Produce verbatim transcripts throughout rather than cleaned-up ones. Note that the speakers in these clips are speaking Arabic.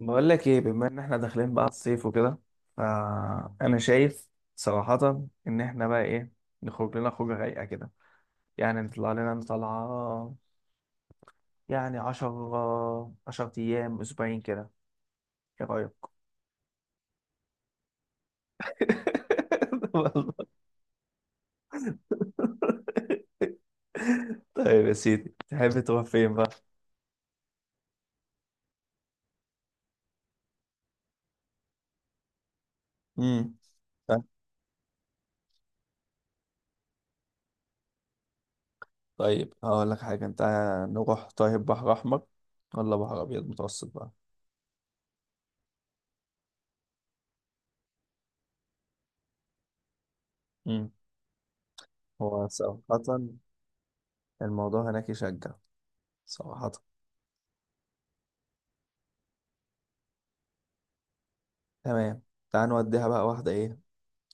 بقول لك ايه، بما ان احنا داخلين بقى على الصيف وكده، فانا شايف صراحة ان احنا بقى ايه نخرج لنا خروجة رايقة كده. يعني نطلع لنا طلعة. يعني عشر عشر ايام، اسبوعين كده. ايه رأيك؟ والله. طيب يا سيدي، تحب تروح فين بقى؟ امم طيب، هقول لك حاجة انت. نروح طيب بحر احمر ولا بحر ابيض متوسط بقى؟ امم هو صراحة الموضوع هناك يشجع، صراحة. تمام. تعال نوديها بقى واحدة. إيه،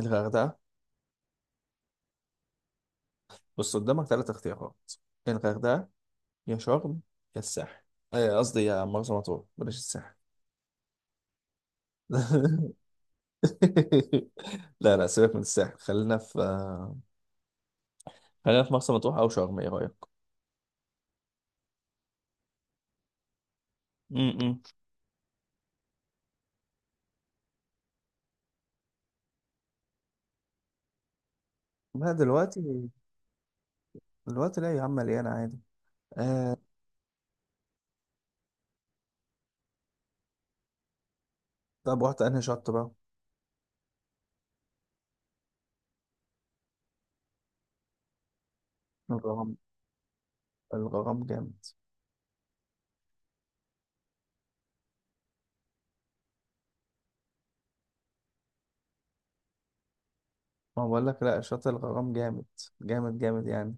الغردقة. بص قدامك ثلاث اختيارات: يا الغردقة، يا شرم، يا الساحل. إيه، قصدي يا مرسى مطروح، بلاش الساحل. لا لا، سيبك من الساحل. خلينا في خلينا في مرسى مطروح أو شرم. إيه رأيك؟ امم ما دلوقتي. دلوقتي لا يا عم، مليانة عادي. آه... طب رحت أنهي شط بقى؟ الغرام. الغرام جامد. ما بقول لك لا، شط الغرام جامد، جامد جامد يعني.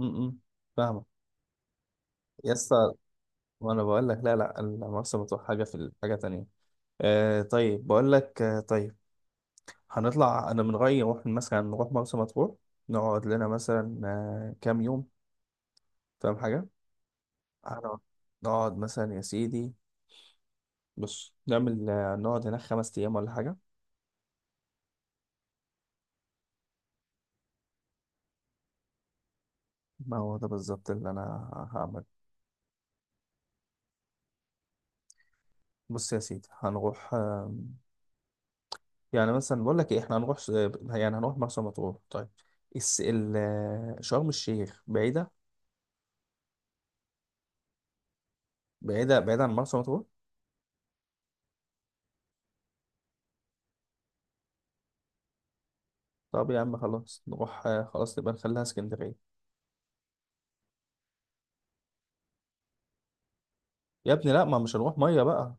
امم فاهمة. يس. وانا بقول لك لا لا، المرسى مطروح حاجه في ال- حاجه تانية. آه طيب، بقول لك. آه طيب، هنطلع. انا من رايي نروح مثلا، نروح مرسى مطروح. نقعد لنا مثلا آه كام يوم. فاهم حاجه؟ هنقعد نقعد مثلا يا سيدي. بص نعمل آه، نقعد هناك خمس ايام ولا حاجه. ما هو ده بالظبط اللي انا هعمل. بص يا سيدي، هنروح آه يعني مثلا بقول لك ايه، احنا هنروح س- يعني هنروح مرسى مطروح طيب. الس- ال- آه، شرم الشيخ بعيده، بعيده بعيده عن مرسى مطروح. طب يا عم خلاص نروح آه، خلاص نبقى نخليها اسكندرية. يا ابني لا، ما مش هنروح مية بقى.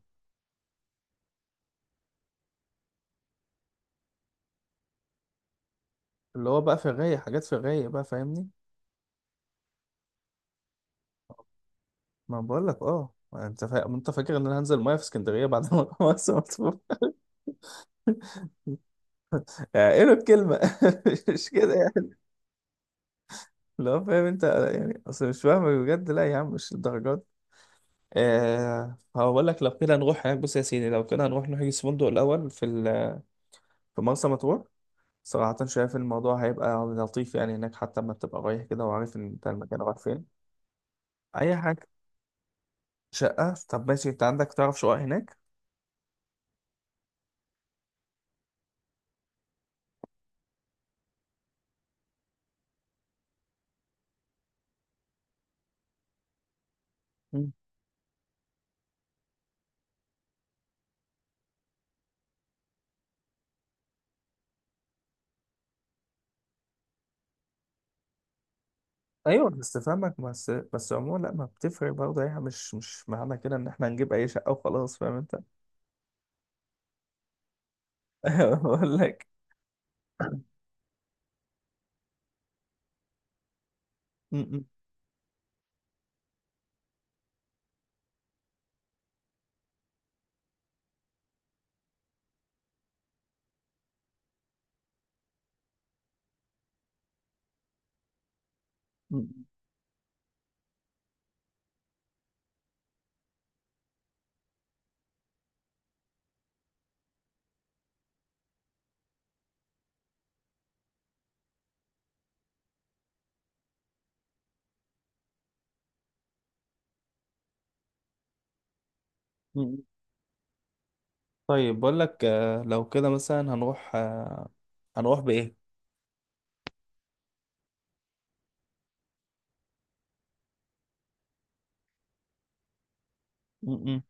اللي هو بقى في الرايق، حاجات في الرايق بقى، فاهمني. ما بقول لك اه، ما انت فا... ما انت فاكر ان انا هنزل ميه في اسكندريه بعد ما خلاص مطفوح. يعني ايه له الكلمه. مش مش كده يعني. لو فاهم انت. يعني اصل مش فاهم بجد. لا يا عم، مش الدرجات. آه هقول لك لو كده نروح هناك. بص يا سيدي، لو كده هنروح نحجز فندق الاول في ال... في مرسى مطروح. صراحه شايف الموضوع هيبقى لطيف يعني هناك. حتى ما تبقى رايح كده، وعارف ان انت المكان رايح فين. اي حاجه. شقه؟ طب ماشي، انت عندك تعرف شقق هناك؟ مم. ايوه، بس فاهمك. بس بس عموما لا، ما بتفرق برضه ايه. مش مش معنى كده ان احنا هنجيب اي شقه وخلاص، فاهم انت. بقول لك. م- م- م- م- طيب بقول لك آه، لو كده مثلا هنروح آه، هنروح بايه. م- م.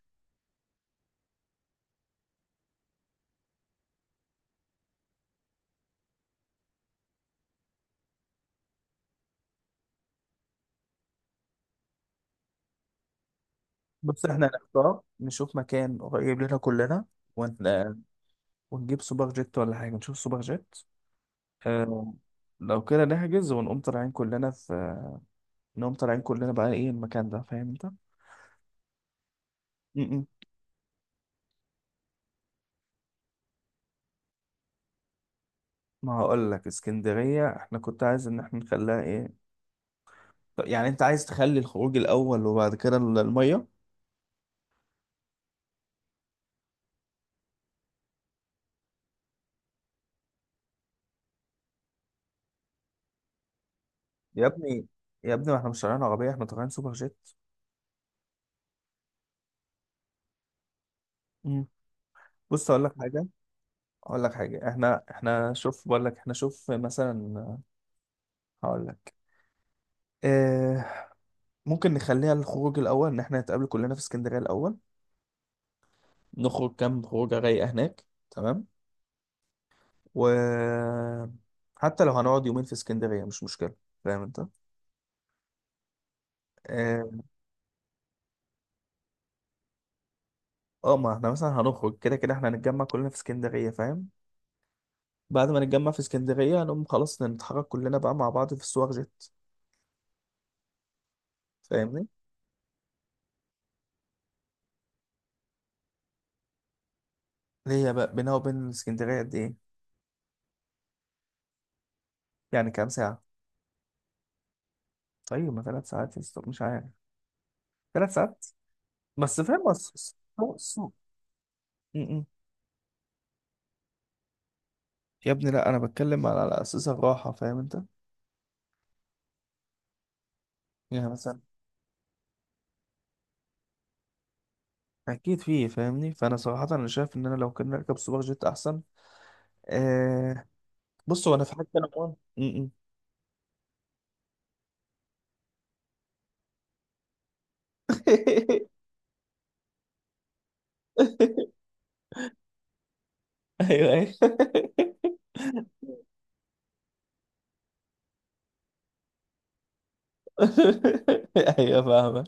بص احنا هنختار نشوف مكان قريب لنا كلنا، ون... آه، ونجيب سوبر جيت ولا حاجه. نشوف سوبر جيت. آه، لو كده نحجز ونقوم طالعين كلنا في انهم طالعين كلنا بقى. ايه المكان ده، فاهم انت. م-م. ما هقول لك اسكندرية، احنا كنت عايز ان احنا نخليها ايه. طب يعني انت عايز تخلي الخروج الاول وبعد كده ال- المية. يا ابني، يا ابني، ما احنا مش طالعين عربية، احنا طالعين سوبر جيت. م. بص اقول لك حاجة. اقول لك حاجة احنا احنا شوف، بقول لك احنا شوف مثلا، هقول لك. اه، ممكن نخليها الخروج الاول ان احنا نتقابل كلنا في اسكندرية الاول. نخرج كام خروجة رايقة هناك، تمام. وحتى لو هنقعد يومين في اسكندرية مش مشكلة، فاهم انت. اه آه، ما احنا مثلا هنخرج كده كده، احنا هنتجمع كلنا في اسكندرية، فاهم. بعد ما نتجمع في اسكندرية هنقوم خلاص نتحرك كلنا بقى مع بعض في السوق جيت، فاهمني. هي بقى بينها وبين اسكندرية قد ايه؟ يعني كام ساعة؟ طيب ما ثلاث ساعات يا اسطى، مش عارف. ثلاث ساعات. بس فاهم، بس السوق السوق. م- م. يا ابني لا، انا بتكلم على على اساس الراحة، فاهم انت. يعني مثلا اكيد فيه، فاهمني. فانا صراحة انا شايف ان انا لو كنا نركب سوبر جيت احسن. آه بص، هو انا في حاجه انا كمان. م- م. ايوه ايوه. ايوه، فاهمك.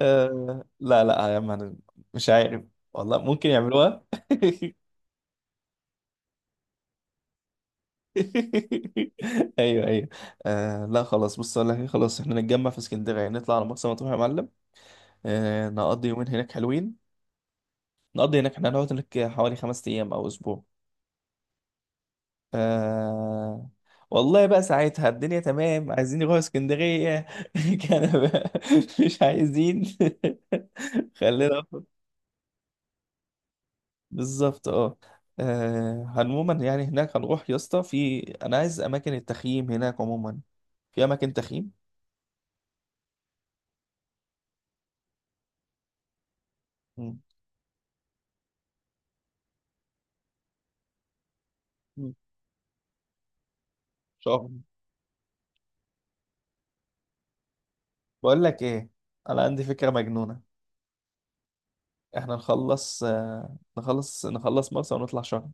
آه، لا لا يا عم، انا مش عارف. والله ممكن يعملوها. ايوه ايوه. آه، لا خلاص، بص اقول لك إيه، خلاص احنا نتجمع في اسكندريه، نطلع على مرسى مطروح يا معلم. آه، نقضي يومين هناك حلوين. نقضي هناك. احنا هنقعد هناك حوالي خمس ايام او اسبوع. آه والله بقى ساعتها الدنيا تمام، عايزين يروحوا اسكندرية. كان بقى. مش عايزين. خلينا. بالظبط. اه آه، عموما يعني هناك هنروح يا اسطى. في، انا عايز اماكن التخييم هناك عموما. في اماكن تخييم؟ مم. مم. شرم. بقول لك ايه، انا عندي فكرة مجنونة. احنا نخلص آه، نخلص نخلص مرسى، ونطلع شرم.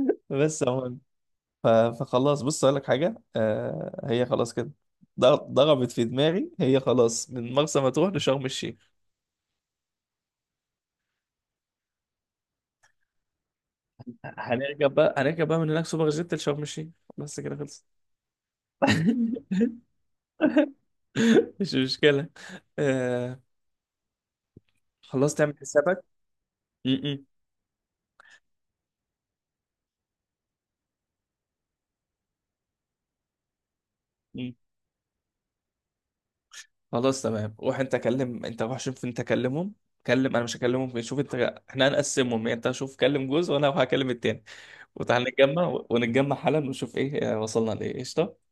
بس. ف- فخلاص، بص اقول لك حاجه. آه هي خلاص كده. ض- ضربت في دماغي. هي خلاص، من مرسى مطروح لشرم الشيخ. هنركب بقى هنركب بقى من هناك سوبر جيت لشرم الشيخ. بس كده، خلص. مش مشكلة. آه خلاص، تعمل حسابك. م- م- م. خلاص تمام. روح انت كلم، انت روح شوف، انت كلمهم. كلم انا مش هكلمهم، شوف انت. احنا هنقسمهم يعني. انت شوف كلم جوز، وانا هكلم التاني. وتعال نتجمع ونتجمع حالا، ونشوف ايه آه، وصلنا لايه، قشطة.